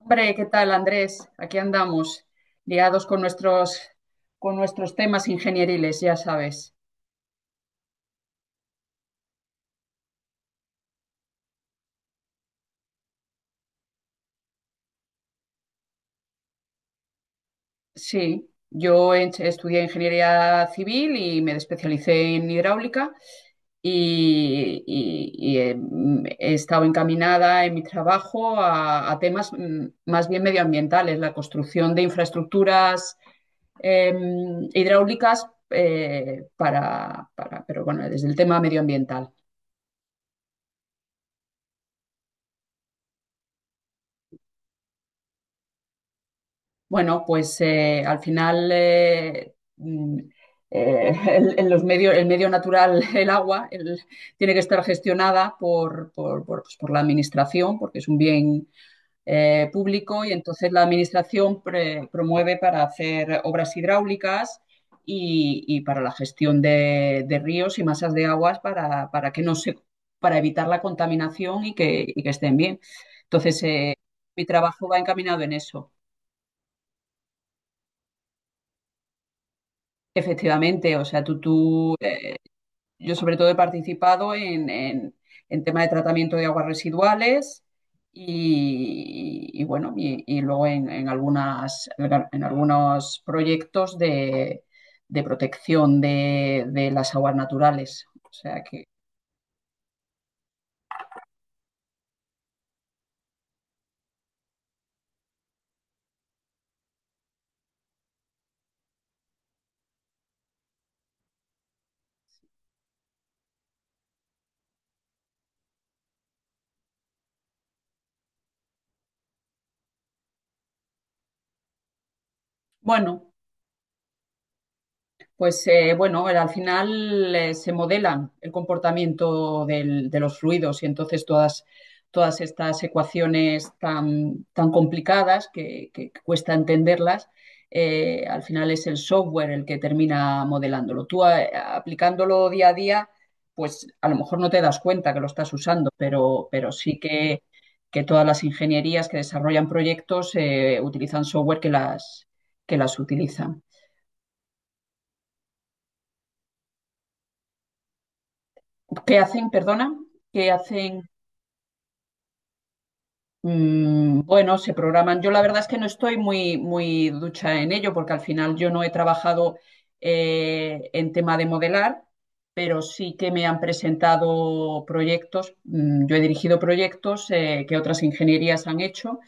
Hombre, ¿qué tal, Andrés? Aquí andamos, liados con nuestros temas ingenieriles, ya sabes. Sí, estudié ingeniería civil y me especialicé en hidráulica y he estado encaminada en mi trabajo a temas más bien medioambientales, la construcción de infraestructuras hidráulicas para, pero bueno, desde el tema medioambiental. Bueno, pues al final en los medios, el medio natural, el agua, tiene que estar gestionada pues, por la administración, porque es un bien público y entonces la administración promueve para hacer obras hidráulicas y para la gestión de ríos y masas de aguas para que no se, para evitar la contaminación y que estén bien. Entonces, mi trabajo va encaminado en eso. Efectivamente, o sea, tú, yo sobre todo he participado en tema de tratamiento de aguas residuales y bueno, y luego en algunas, en algunos proyectos de protección de las aguas naturales. O sea que, bueno, pues bueno, al final se modelan el comportamiento de los fluidos y entonces todas estas ecuaciones tan, tan complicadas que cuesta entenderlas, al final es el software el que termina modelándolo. Tú aplicándolo día a día, pues a lo mejor no te das cuenta que lo estás usando, pero sí que todas las ingenierías que desarrollan proyectos utilizan software que las utilizan. ¿Qué hacen? Perdona, ¿qué hacen? Bueno, se programan. Yo la verdad es que no estoy muy, muy ducha en ello porque al final yo no he trabajado en tema de modelar, pero sí que me han presentado proyectos. Yo he dirigido proyectos que otras ingenierías han hecho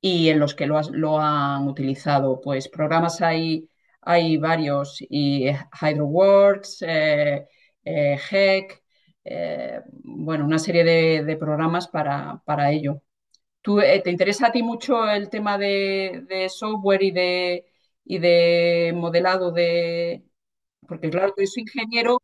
y en los que lo han utilizado. Pues programas hay, hay varios, y HydroWorks, Heck, bueno, una serie de programas para ello. ¿Tú, te interesa a ti mucho el tema de software y de modelado de... Porque claro, tú eres ingeniero, o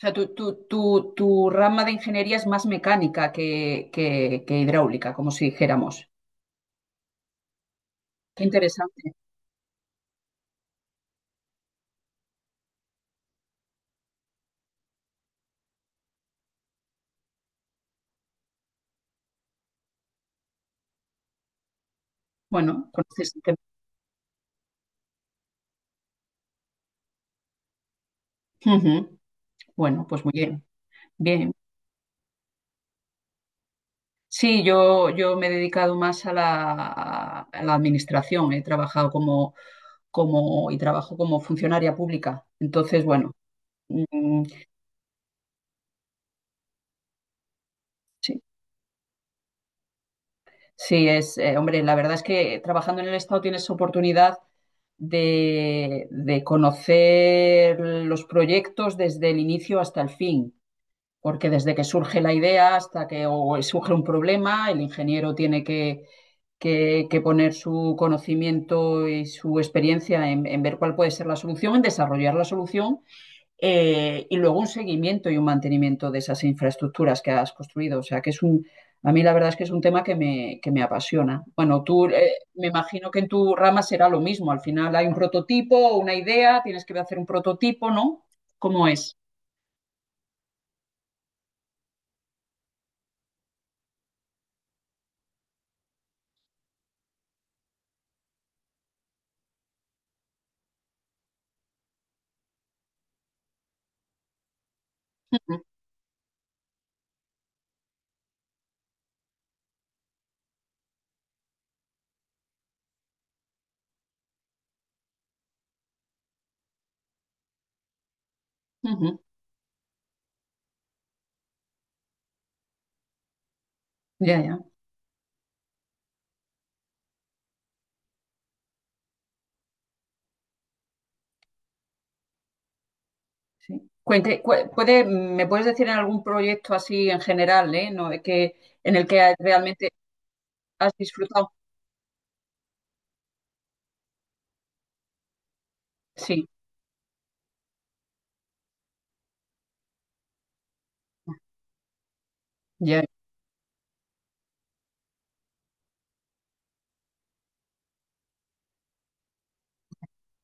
sea, tu rama de ingeniería es más mecánica que, que hidráulica, como si dijéramos. Qué interesante. Bueno, conoces el tema. Ujú. Bueno, pues muy bien. Bien. Sí, yo me he dedicado más a la administración. He trabajado como, como y trabajo como funcionaria pública. Entonces, bueno, mm, sí, sí, hombre, la verdad es que trabajando en el Estado tienes oportunidad de conocer los proyectos desde el inicio hasta el fin. Porque desde que surge la idea hasta que o surge un problema, el ingeniero tiene que, que poner su conocimiento y su experiencia en ver cuál puede ser la solución, en desarrollar la solución y luego un seguimiento y un mantenimiento de esas infraestructuras que has construido. O sea, que es un, a mí la verdad es que es un tema que me apasiona. Bueno, tú me imagino que en tu rama será lo mismo. Al final hay un prototipo, una idea, tienes que hacer un prototipo, ¿no? ¿Cómo es? Ujú. Ya, ya. Sí. Cuente, ¿me puedes decir en algún proyecto así en general, eh? ¿No? De que, en el que realmente has disfrutado. Sí, ya,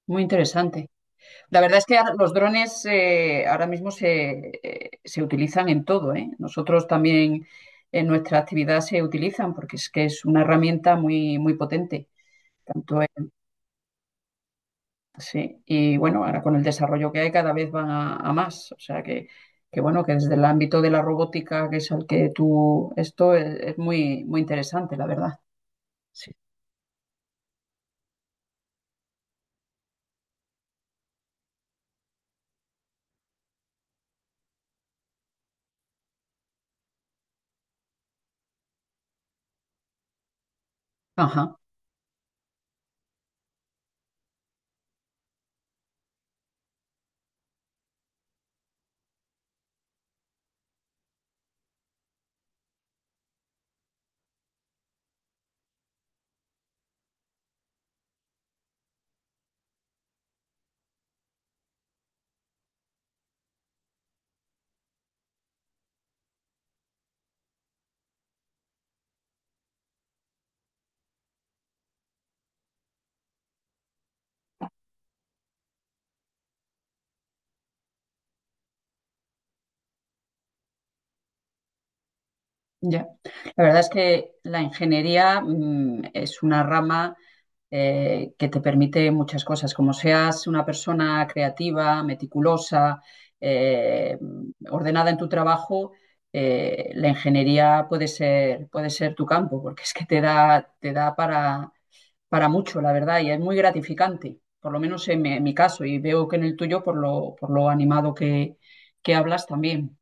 muy interesante. La verdad es que ahora los drones ahora mismo se utilizan en todo, ¿eh? Nosotros también en nuestra actividad se utilizan porque es que es una herramienta muy, muy potente. Tanto sí, y bueno, ahora con el desarrollo que hay cada vez van a más. O sea que bueno, que desde el ámbito de la robótica, que es al que tú, esto es muy, muy interesante, la verdad. Sí. Ajá. Ya, la verdad es que la ingeniería es una rama que te permite muchas cosas, como seas una persona creativa, meticulosa, eh, ordenada en tu trabajo, la ingeniería puede ser tu campo, porque es que te da para mucho, la verdad, y es muy gratificante, por lo menos en mi caso, y veo que en el tuyo, por lo animado que hablas también.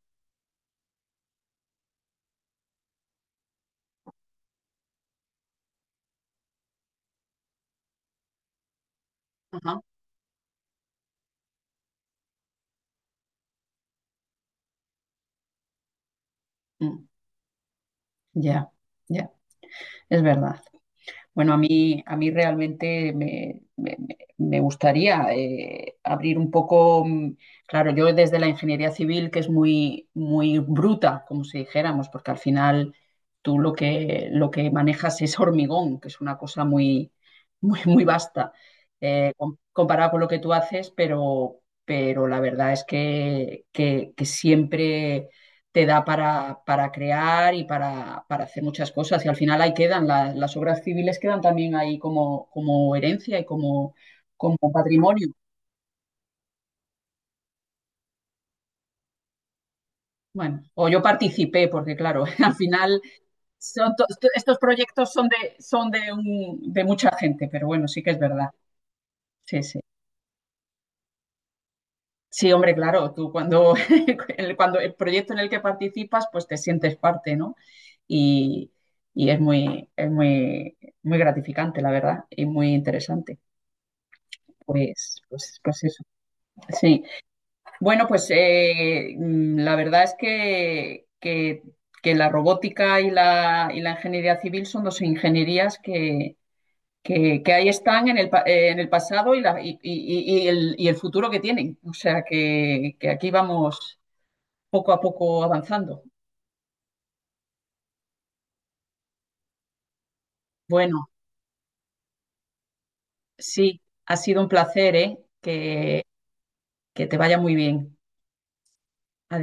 Ajá. Mm, ya, ya. Es verdad. Bueno, a mí realmente me gustaría abrir un poco, claro, yo desde la ingeniería civil, que es muy, muy bruta, como si dijéramos, porque al final tú lo que manejas es hormigón, que es una cosa muy, muy, muy vasta, comparado con lo que tú haces, pero la verdad es que, que siempre te da para crear y para, hacer muchas cosas. Y al final ahí quedan, la, las obras civiles quedan también ahí como, como herencia y como, como patrimonio. Bueno, o yo participé, porque claro, al final son to- estos proyectos son de, de mucha gente, pero bueno, sí que es verdad. Sí, sí. Sí, hombre, claro, tú cuando cuando el proyecto en el que participas, pues te sientes parte, ¿no? Y, y es muy, muy gratificante, la verdad, y muy interesante. Pues, pues, pues eso. Sí. Bueno, pues la verdad es que la robótica y la ingeniería civil son dos ingenierías que ahí están en el, en el pasado y, la, y el futuro que tienen. O sea que aquí vamos poco a poco avanzando. Bueno, sí, ha sido un placer, ¿eh? Que te vaya muy bien. Adiós.